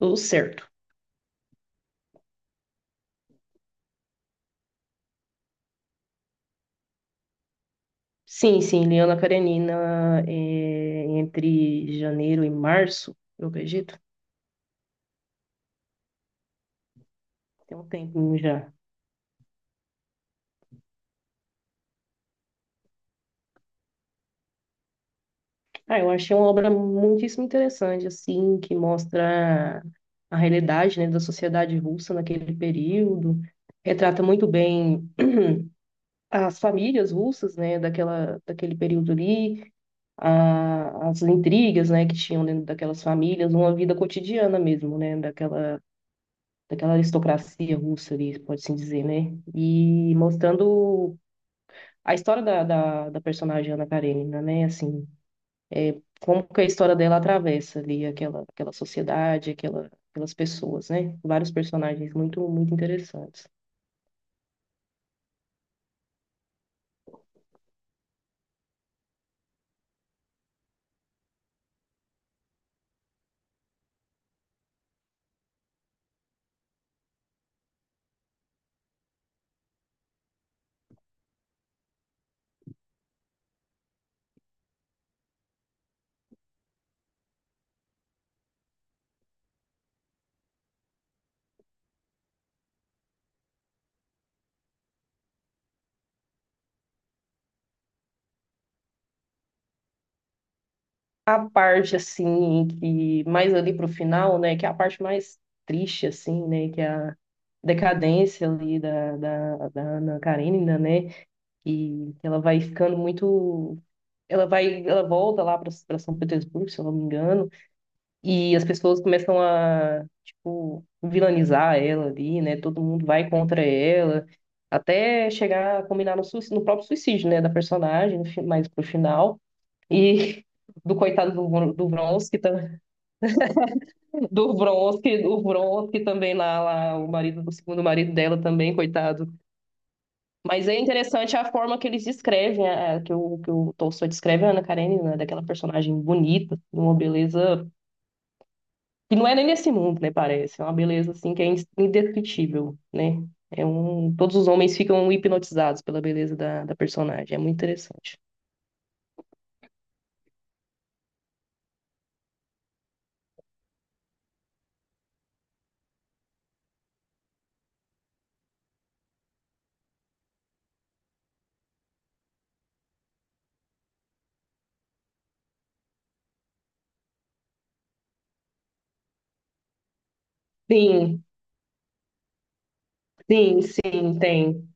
Tudo certo. Sim, sim, Liana Karenina, é, entre janeiro e março, eu acredito, tem um tempinho já. Ah, eu achei uma obra muitíssimo interessante, assim, que mostra a realidade, né, da sociedade russa naquele período, retrata muito bem as famílias russas, né, daquele período ali, as intrigas, né, que tinham dentro daquelas famílias, uma vida cotidiana mesmo, né, daquela aristocracia russa ali, pode-se dizer, né? E mostrando a história da personagem Ana Karenina, né? Assim, como que a história dela atravessa ali aquela sociedade, aquelas pessoas, né? Vários personagens muito, muito interessantes. A parte, assim, que mais ali pro final, né? Que é a parte mais triste, assim, né? Que é a decadência ali da Ana Karenina, né? E ela vai ficando muito. Ela volta lá para São Petersburgo, se eu não me engano, e as pessoas começam a, tipo, vilanizar ela ali, né? Todo mundo vai contra ela, até chegar a combinar no suicídio, no próprio suicídio, né, da personagem, no fi- mais pro final. E do coitado do do Vronsky, do Vronsky, o Vronsky também lá, o marido, o segundo marido dela também, coitado. Mas é interessante a forma que eles descrevem, que o Tolstói descreve a Ana Karenina, né, daquela personagem bonita, de uma beleza que não é nem desse mundo, né, parece. É uma beleza, assim, que é indescritível, né? É um, todos os homens ficam hipnotizados pela beleza da personagem. É muito interessante. Sim, sim, sim, tem.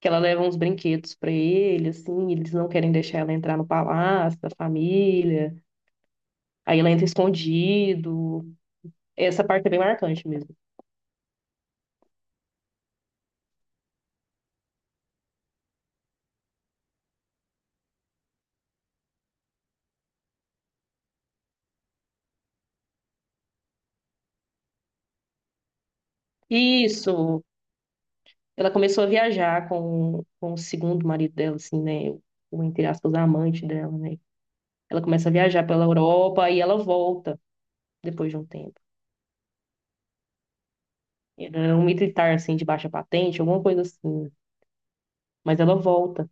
Que ela leva uns brinquedos pra ele, assim, e eles não querem deixar ela entrar no palácio da família. Aí ela entra escondido. Essa parte é bem marcante mesmo. Isso. Ela começou a viajar com o segundo marido dela, assim, né? Entre aspas, amante dela, né? Ela começa a viajar pela Europa e ela volta depois de um tempo. Era um militar, assim, de baixa patente, alguma coisa assim, né. Mas ela volta.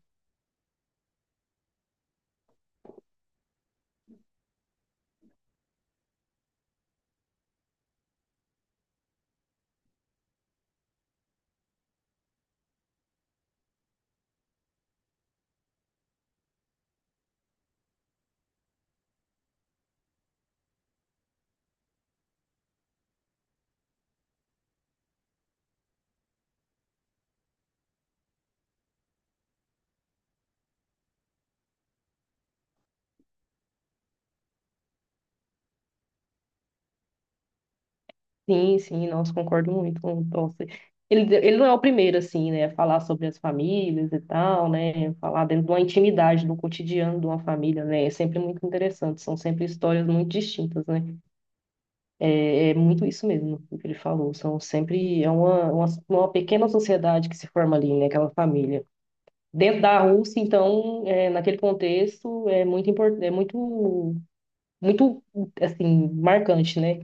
Sim, sim, nossa, concordo muito com, nossa. Ele não é o primeiro, assim, né? A falar sobre as famílias e tal, né? Falar dentro de uma intimidade, do cotidiano de uma família, né? É sempre muito interessante. São sempre histórias muito distintas, né? É muito isso mesmo, o que ele falou. São sempre é uma pequena sociedade que se forma ali, né? Aquela família. Dentro da Rússia, então, é, naquele contexto, é muito importante, é muito, muito, assim, marcante, né?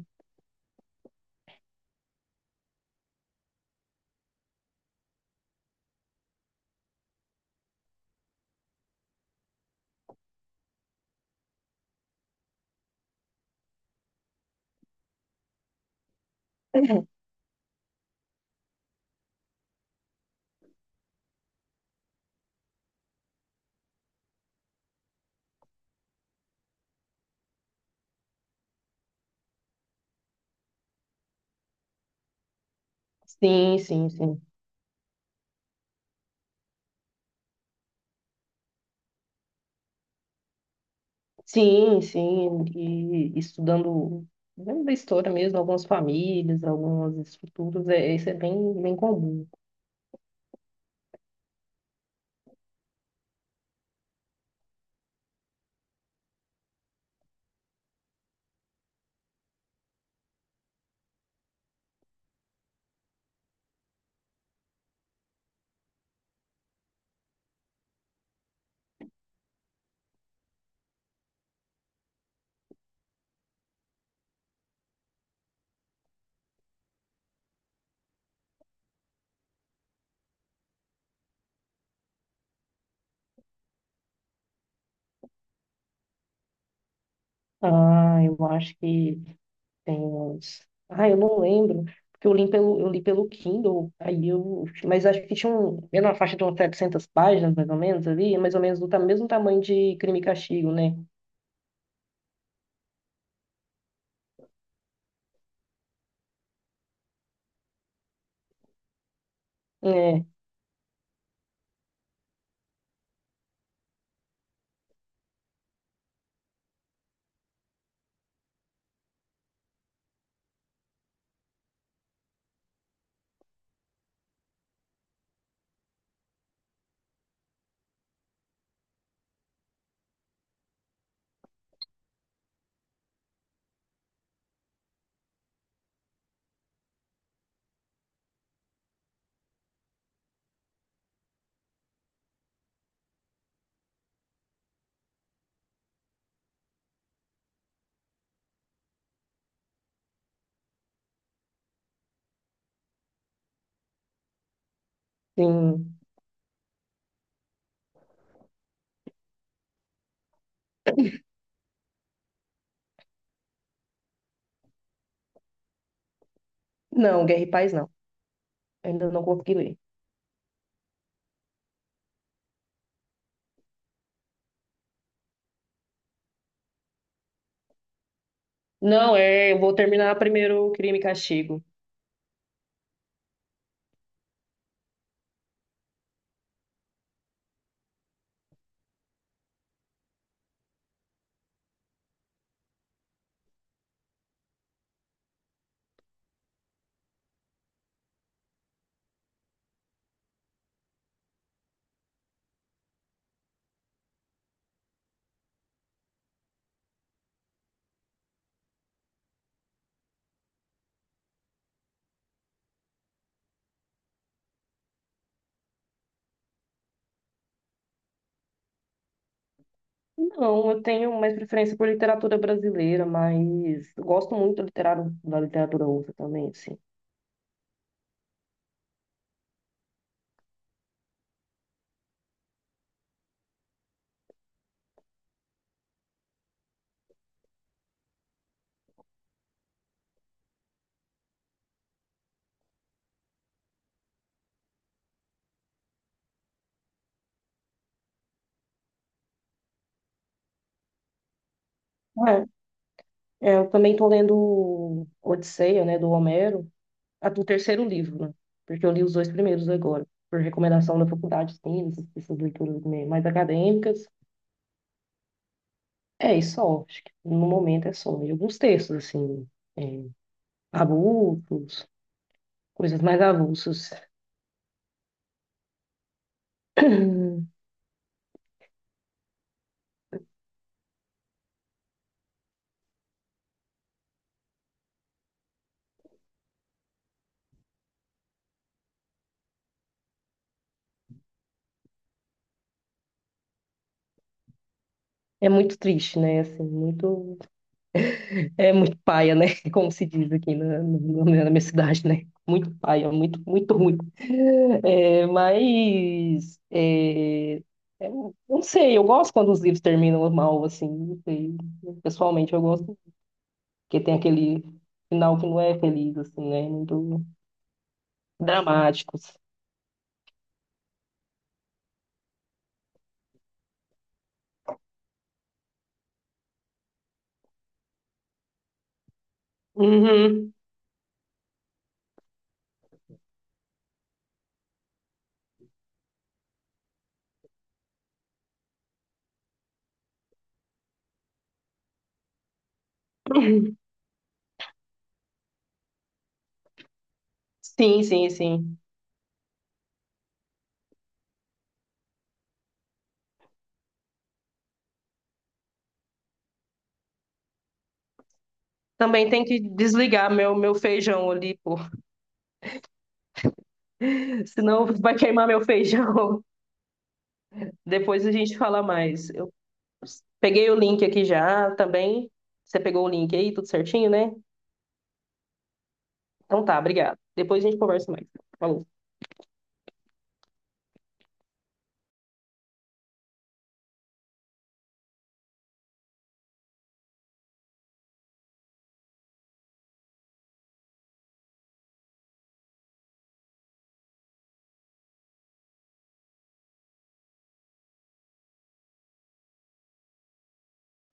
Sim, sim, sim. Sim, sim. E estudando, dentro da história mesmo, algumas famílias, algumas estruturas, é, isso é bem, bem comum. Ah, eu acho que tem uns. Ah, eu não lembro, porque eu li pelo Kindle, aí eu. Mas acho que tinha um, era na faixa de umas 700 páginas, mais ou menos, ali, mais ou menos do mesmo tamanho de Crime e Castigo, né? É, sim. Não, Guerra e Paz não. Ainda não consegui ler. Não, é, eu vou terminar primeiro o Crime e Castigo. Não, eu tenho mais preferência por literatura brasileira, mas eu gosto muito da literatura russa também, assim. É, eu também estou lendo Odisseia, né, do Homero. A do terceiro livro, né? Porque eu li os dois primeiros agora, por recomendação da faculdade, sim, essas leituras, né, mais acadêmicas. É isso só, acho que no momento é só. E alguns textos, assim, é, avulsos, coisas mais avulsas. É muito triste, né? Assim, muito... É muito paia, né? Como se diz aqui na minha cidade, né? Muito paia, muito, muito ruim. É, mas é, eu não sei, eu gosto quando os livros terminam mal, assim, não sei. Pessoalmente eu gosto, porque tem aquele final que não é feliz, assim, né? Muito dramáticos. Uhum. Sim, sim, sim. Também tem que desligar meu feijão ali, pô. Senão vai queimar meu feijão. Depois a gente fala mais. Eu peguei o link aqui já também. Você pegou o link aí, tudo certinho, né? Então tá, obrigado. Depois a gente conversa mais. Falou.